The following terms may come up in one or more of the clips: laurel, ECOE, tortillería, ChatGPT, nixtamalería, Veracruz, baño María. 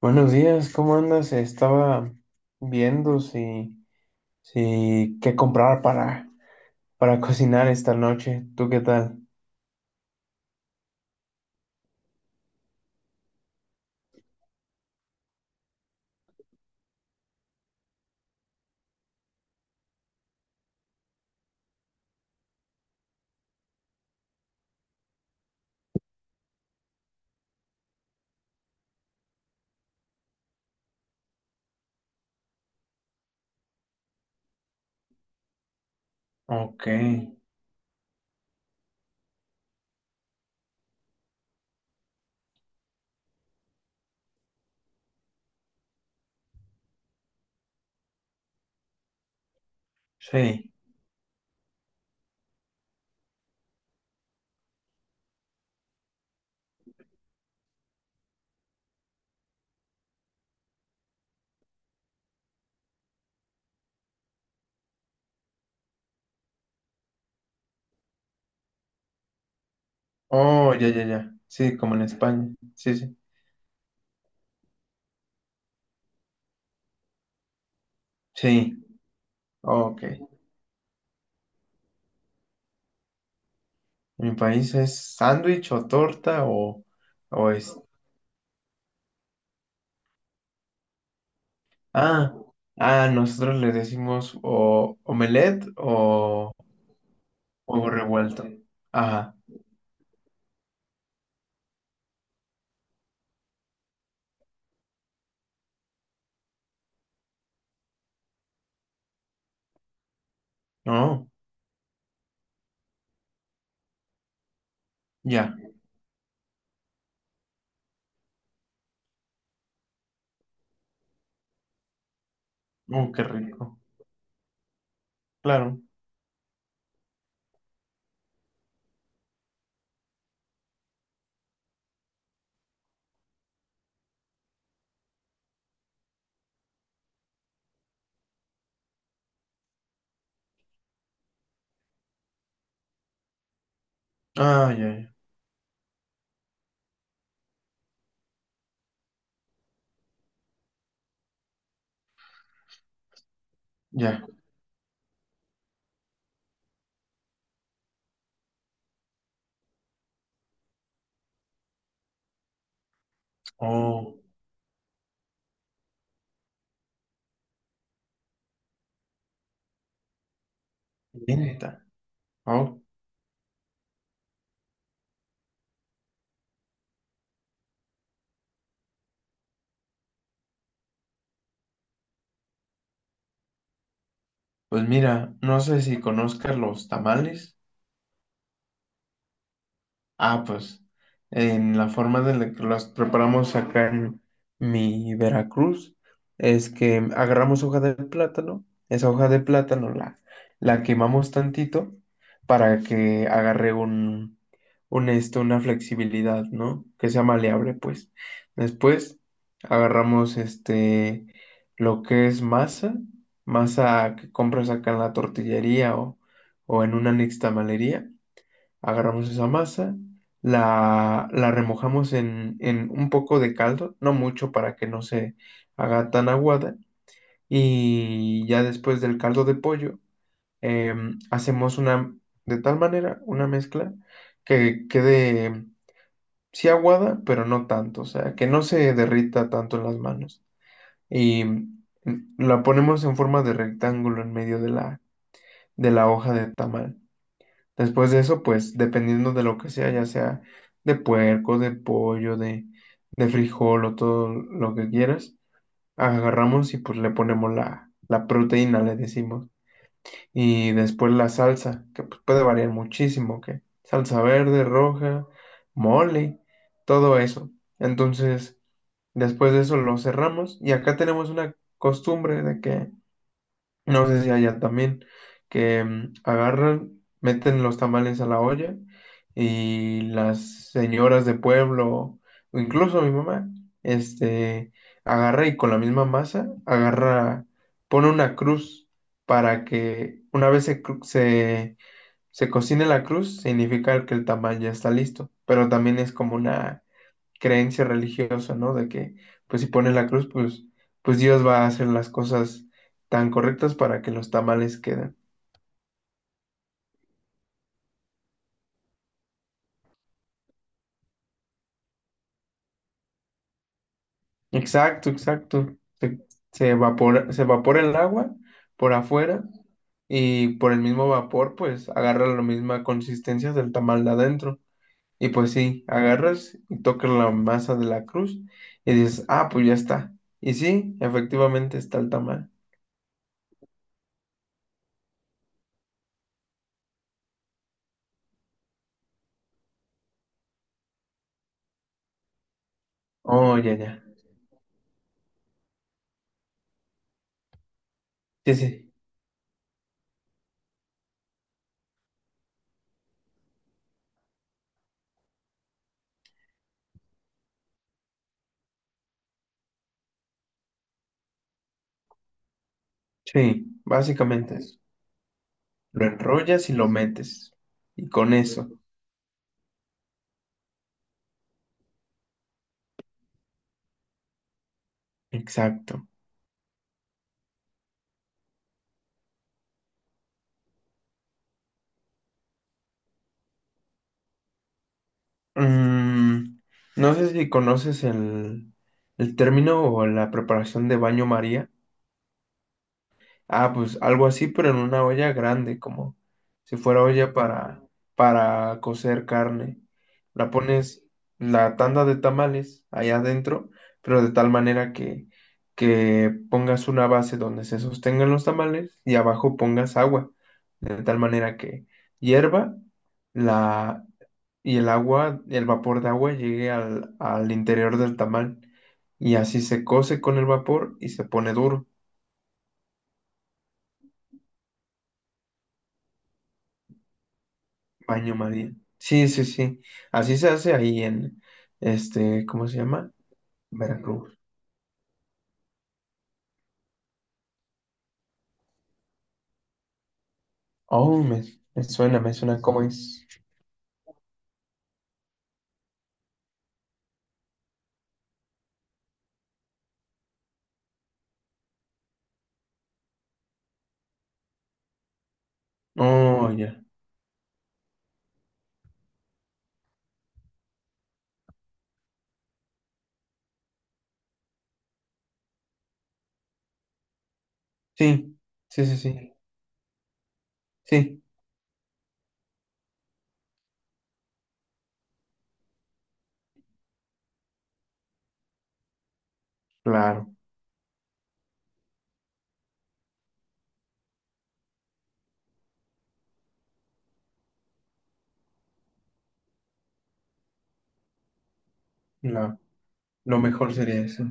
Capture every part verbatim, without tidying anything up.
Buenos días, ¿cómo andas? Estaba viendo si, si qué comprar para, para cocinar esta noche. ¿Tú qué tal? Ok, sí. Oh, ya, ya, ya. Sí, como en España. Sí, sí. Sí, ok. Mi país es sándwich o torta o, o es... Ah, ah, nosotros le decimos o omelette o huevo revuelto. Ajá, no, ya. Oh, qué rico. Claro. Ah, ya, ya. Oh, venta. Oh, pues mira, no sé si conozcas los tamales. Ah, pues en la forma de la que las preparamos acá en mi Veracruz es que agarramos hoja de plátano, esa hoja de plátano la, la quemamos tantito para que agarre un, un esto, una flexibilidad, ¿no? Que sea maleable, pues. Después agarramos este, lo que es masa, masa que compras acá en la tortillería o, o en una nixtamalería. Agarramos esa masa, la, la remojamos en, en un poco de caldo, no mucho para que no se haga tan aguada. Y ya después del caldo de pollo, em, hacemos una, de tal manera, una mezcla que quede, sí aguada, pero no tanto, o sea, que no se derrita tanto en las manos. Y mm, la ponemos en forma de rectángulo en medio de la, de la hoja de tamal. Después de eso, pues dependiendo de lo que sea, ya sea de puerco, de pollo, de, de frijol o todo lo que quieras, agarramos y pues le ponemos la, la proteína, le decimos. Y después la salsa, que pues, puede variar muchísimo, que salsa verde, roja, mole, todo eso. Entonces, después de eso lo cerramos y acá tenemos una costumbre de que no sé si allá también, que mm, agarran, meten los tamales a la olla y las señoras de pueblo, o incluso mi mamá, este, agarra y con la misma masa, agarra, pone una cruz para que una vez se, cru- se, se cocine la cruz, significa que el tamal ya está listo, pero también es como una creencia religiosa, ¿no? De que, pues si pones la cruz, pues, pues Dios va a hacer las cosas tan correctas para que los tamales queden. Exacto, exacto. Se, se evapora, se evapora el agua por afuera y por el mismo vapor, pues agarra la misma consistencia del tamal de adentro. Y pues sí, agarras y tocas la masa de la cruz y dices, ah, pues ya está. Y sí, efectivamente está el tamal. Oh, ya, ya. Sí, sí. Sí, básicamente eso. Lo enrollas y lo metes. Y con eso, exacto. Mm, no sé si conoces el, el término o la preparación de baño María. Ah, pues algo así, pero en una olla grande, como si fuera olla para, para cocer carne. La pones la tanda de tamales allá adentro, pero de tal manera que, que pongas una base donde se sostengan los tamales y abajo pongas agua, de tal manera que hierva la, y el agua, el vapor de agua llegue al, al interior del tamal. Y así se cose con el vapor y se pone duro. Baño María. Sí, sí, sí. Así se hace ahí en, este, ¿cómo se llama? Veracruz. Oh, me, me suena, me suena cómo es. Oh, ya. Sí, sí, sí, sí. Sí, claro. la- Lo mejor sería eso.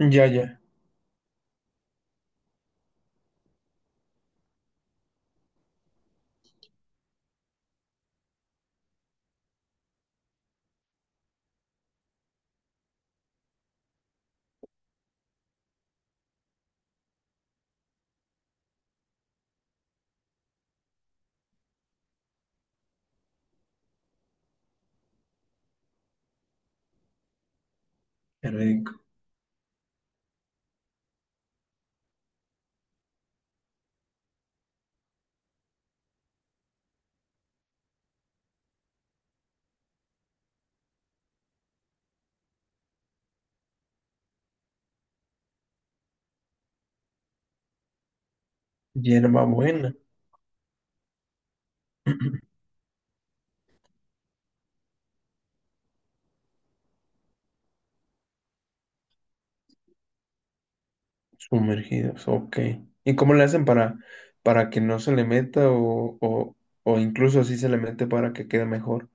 Ya, ya. Qué rico. Hierba buena. Sumergidos, ok. ¿Y cómo le hacen para, para que no se le meta o, o, o incluso si se le mete para que quede mejor?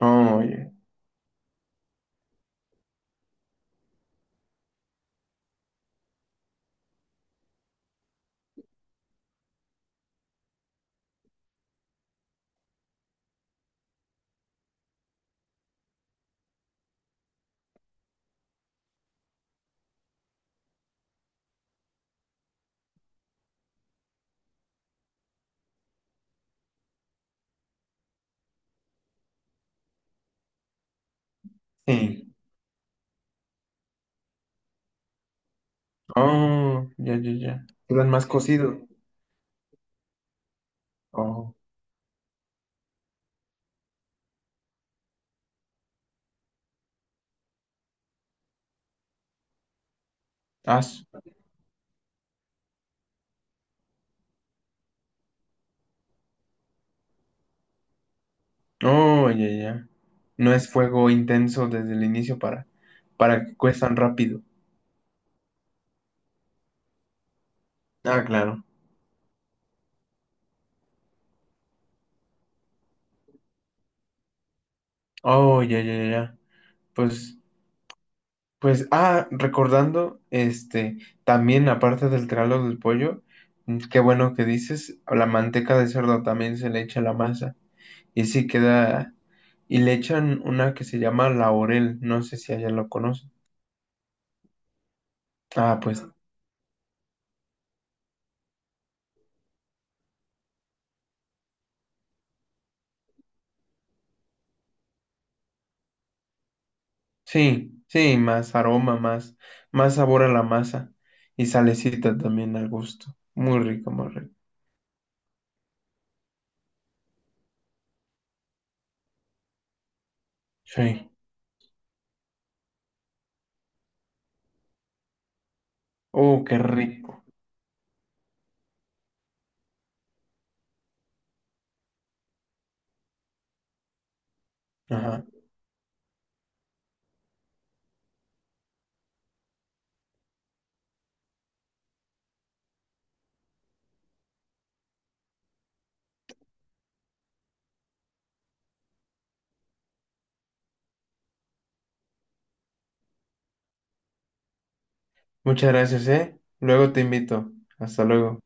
Oh, ya. Sí. Oh, ya, ya, ya. Lo más cocido. Oh, as. Oh, ya, ya. No es fuego intenso desde el inicio para, para que cuezan rápido. Ah, claro. Oh, ya, ya, ya. Ya. Pues, pues, ah, recordando, este, también aparte del tralo del pollo, mm, qué bueno que dices, la manteca de cerdo también se le echa a la masa. Y sí queda, y le echan una que se llama laurel, no sé si allá lo conocen. Ah, pues sí, sí, más aroma, más, más sabor a la masa y salecita también al gusto. Muy rico, muy rico. Sí. Oh, qué rico. Ajá. Muchas gracias, ¿eh? Luego te invito. Hasta luego.